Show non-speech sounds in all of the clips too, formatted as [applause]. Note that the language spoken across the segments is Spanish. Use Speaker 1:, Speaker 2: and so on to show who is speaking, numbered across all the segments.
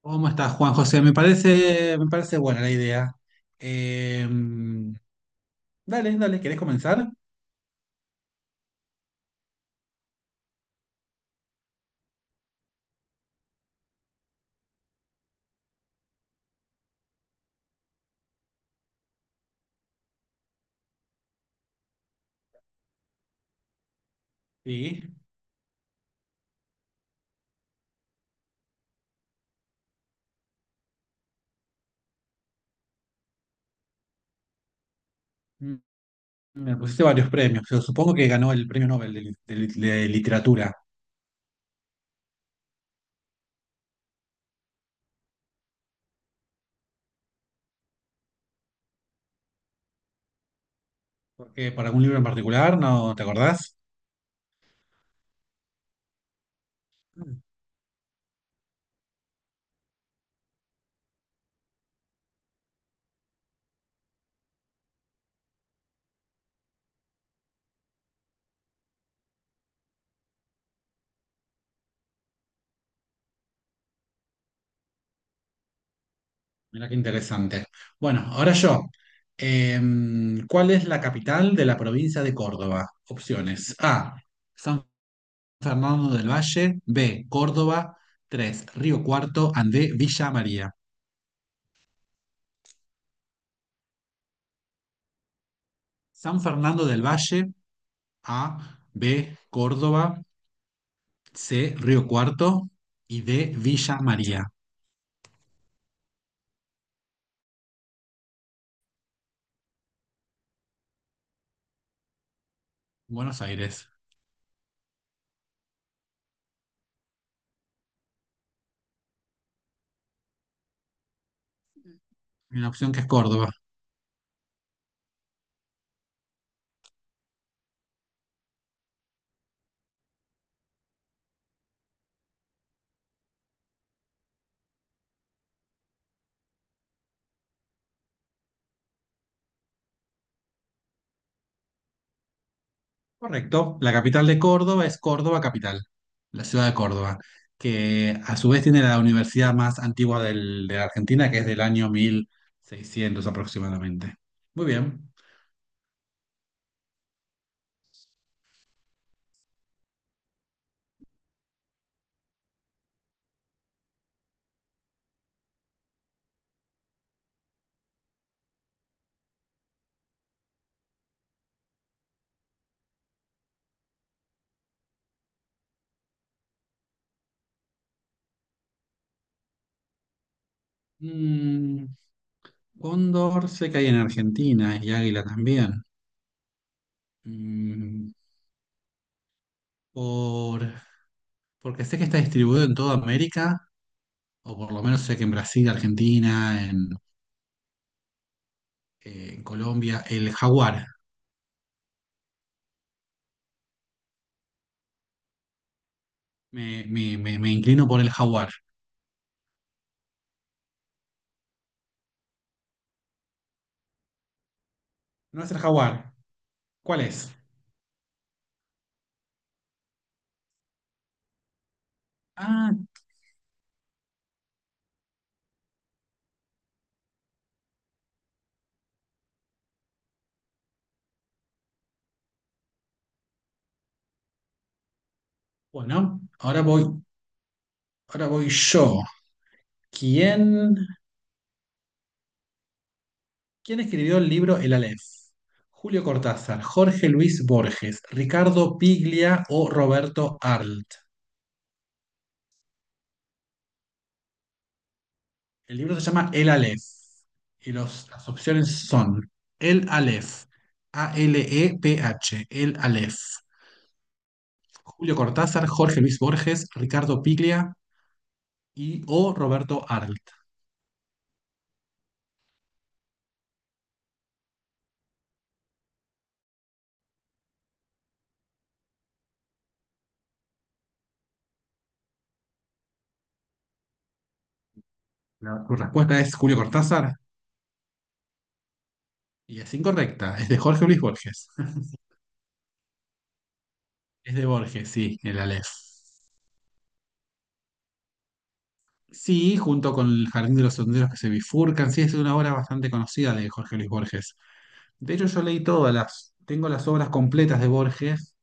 Speaker 1: ¿Cómo estás, Juan José? Me parece buena la idea. Eh, dale, dale, ¿querés comenzar? Sí, me pusiste varios premios. Yo supongo que ganó el premio Nobel de literatura. ¿Por qué? ¿Para algún libro en particular? ¿No te acordás? Mm. Mirá qué interesante. Bueno, ahora yo. Eh, ¿Cuál es la capital de la provincia de Córdoba? Opciones. A. San Fernando del Valle. B. Córdoba. 3. Río Cuarto. Andé, Villa María. San Fernando del Valle, A, B, Córdoba, C, Río Cuarto y D, Villa María, Buenos Aires. Una opción que es Córdoba. Correcto. La capital de Córdoba es Córdoba Capital, la ciudad de Córdoba, que a su vez tiene la universidad más antigua de la Argentina, que es del año 1600 aproximadamente. Muy bien. Mm, Cóndor sé que hay en Argentina y águila también. Mm, por Porque sé que está distribuido en toda América, o por lo menos sé que en Brasil, Argentina, en Colombia, el jaguar. Me inclino por el jaguar. No es el jaguar. ¿Cuál es? Ah, bueno, ahora voy yo. ¿Quién, quién escribió el libro El Aleph? Julio Cortázar, Jorge Luis Borges, Ricardo Piglia o Roberto Arlt. El libro se llama El Aleph y las opciones son El Aleph, Aleph, El Aleph, Julio Cortázar, Jorge Luis Borges, Ricardo Piglia o Roberto Arlt. Tu respuesta es Julio Cortázar y es incorrecta, es de Jorge Luis Borges. Es de Borges, sí, El Aleph. Sí, junto con El Jardín de los Senderos que se bifurcan, sí, es una obra bastante conocida de Jorge Luis Borges. De hecho, yo leí tengo las obras completas de Borges,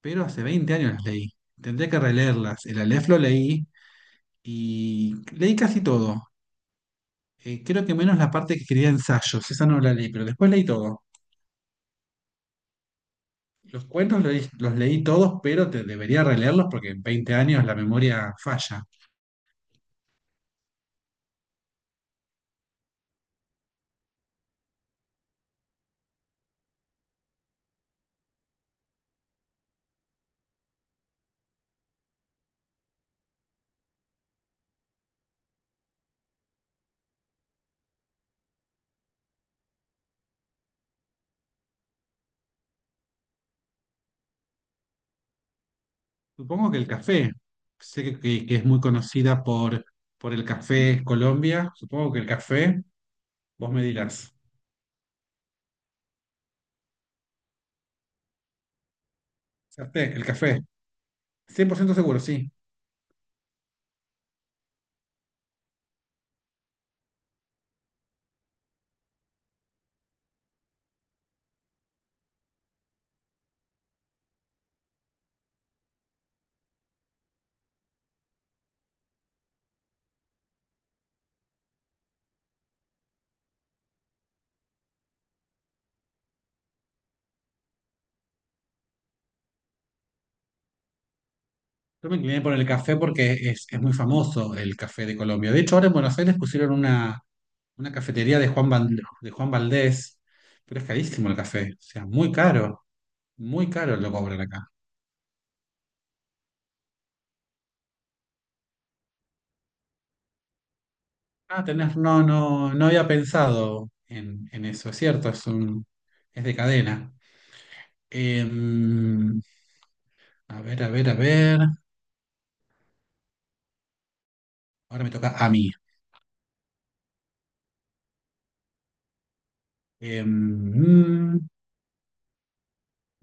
Speaker 1: pero hace 20 años las leí. Tendría que releerlas. El Aleph lo leí y leí casi todo. Creo que menos la parte que quería ensayos, esa no la leí, pero después leí todo. Los cuentos los leí, todos, pero debería releerlos porque en 20 años la memoria falla. Supongo que el café, sé que es muy conocida por el café Colombia, supongo que el café, vos me dirás. El café, 100% seguro, sí. Yo me incliné por el café porque es muy famoso el café de Colombia. De hecho, ahora en Buenos Aires pusieron una cafetería de Juan Valdés, pero es carísimo el café. O sea, muy caro lo cobran acá. Ah, no, no, no había pensado en eso, es cierto, es de cadena. Em, a ver, a ver, a ver. Ahora me toca a mí. Em, mm,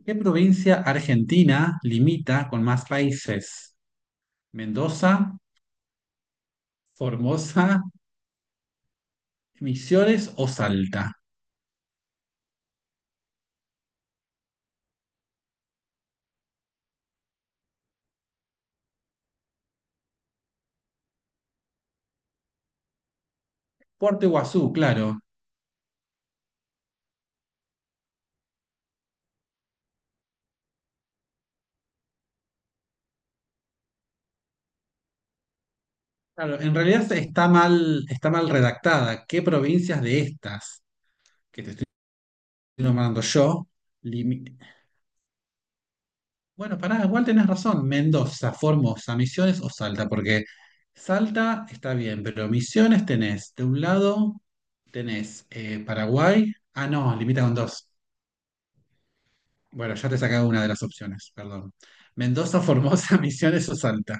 Speaker 1: ¿Qué provincia argentina limita con más países? ¿Mendoza? Formosa, Misiones o Salta. Puerto Iguazú, claro. Claro, en realidad está mal redactada. ¿Qué provincias de estas que te estoy nombrando yo? limi- Bueno, pará, igual tenés razón. Mendoza, Formosa, Misiones o Salta, porque Salta está bien, pero Misiones tenés. De un lado tenés Paraguay. Ah, no, limita con dos. Bueno, ya te he una de las opciones, perdón. Mendoza, Formosa, [laughs] Misiones o Salta.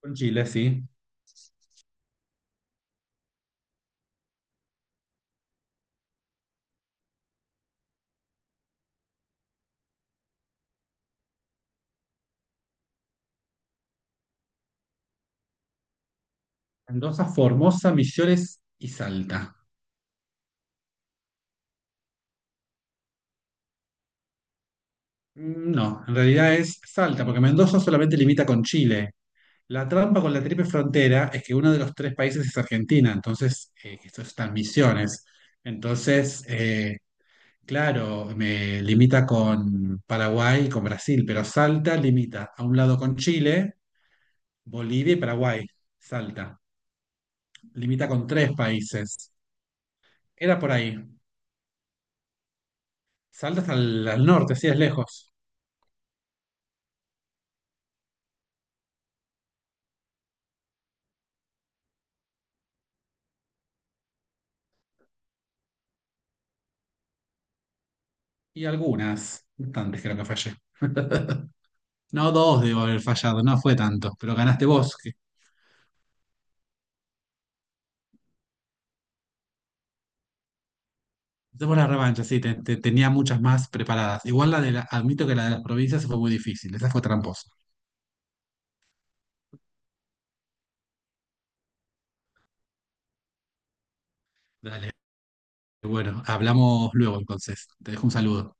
Speaker 1: Con Chile, sí. Mendoza, Formosa, Misiones y Salta. No, en realidad es Salta, porque Mendoza solamente limita con Chile. La trampa con la triple frontera es que uno de los tres países es Argentina, entonces esto está en Misiones. Entonces, claro, me limita con Paraguay y con Brasil, pero Salta limita a un lado con Chile, Bolivia y Paraguay. Salta. Limita con tres países. Era por ahí. Salta hasta al norte, sí, es lejos. Y algunas, bastantes creo que fallé. [laughs] No, dos debo haber fallado, no fue tanto, pero ganaste vos. Hacemos la revancha, sí, tenía muchas más preparadas. Igual admito que la de las provincias fue muy difícil, esa fue tramposa. Dale, bueno, hablamos luego entonces. Te dejo un saludo.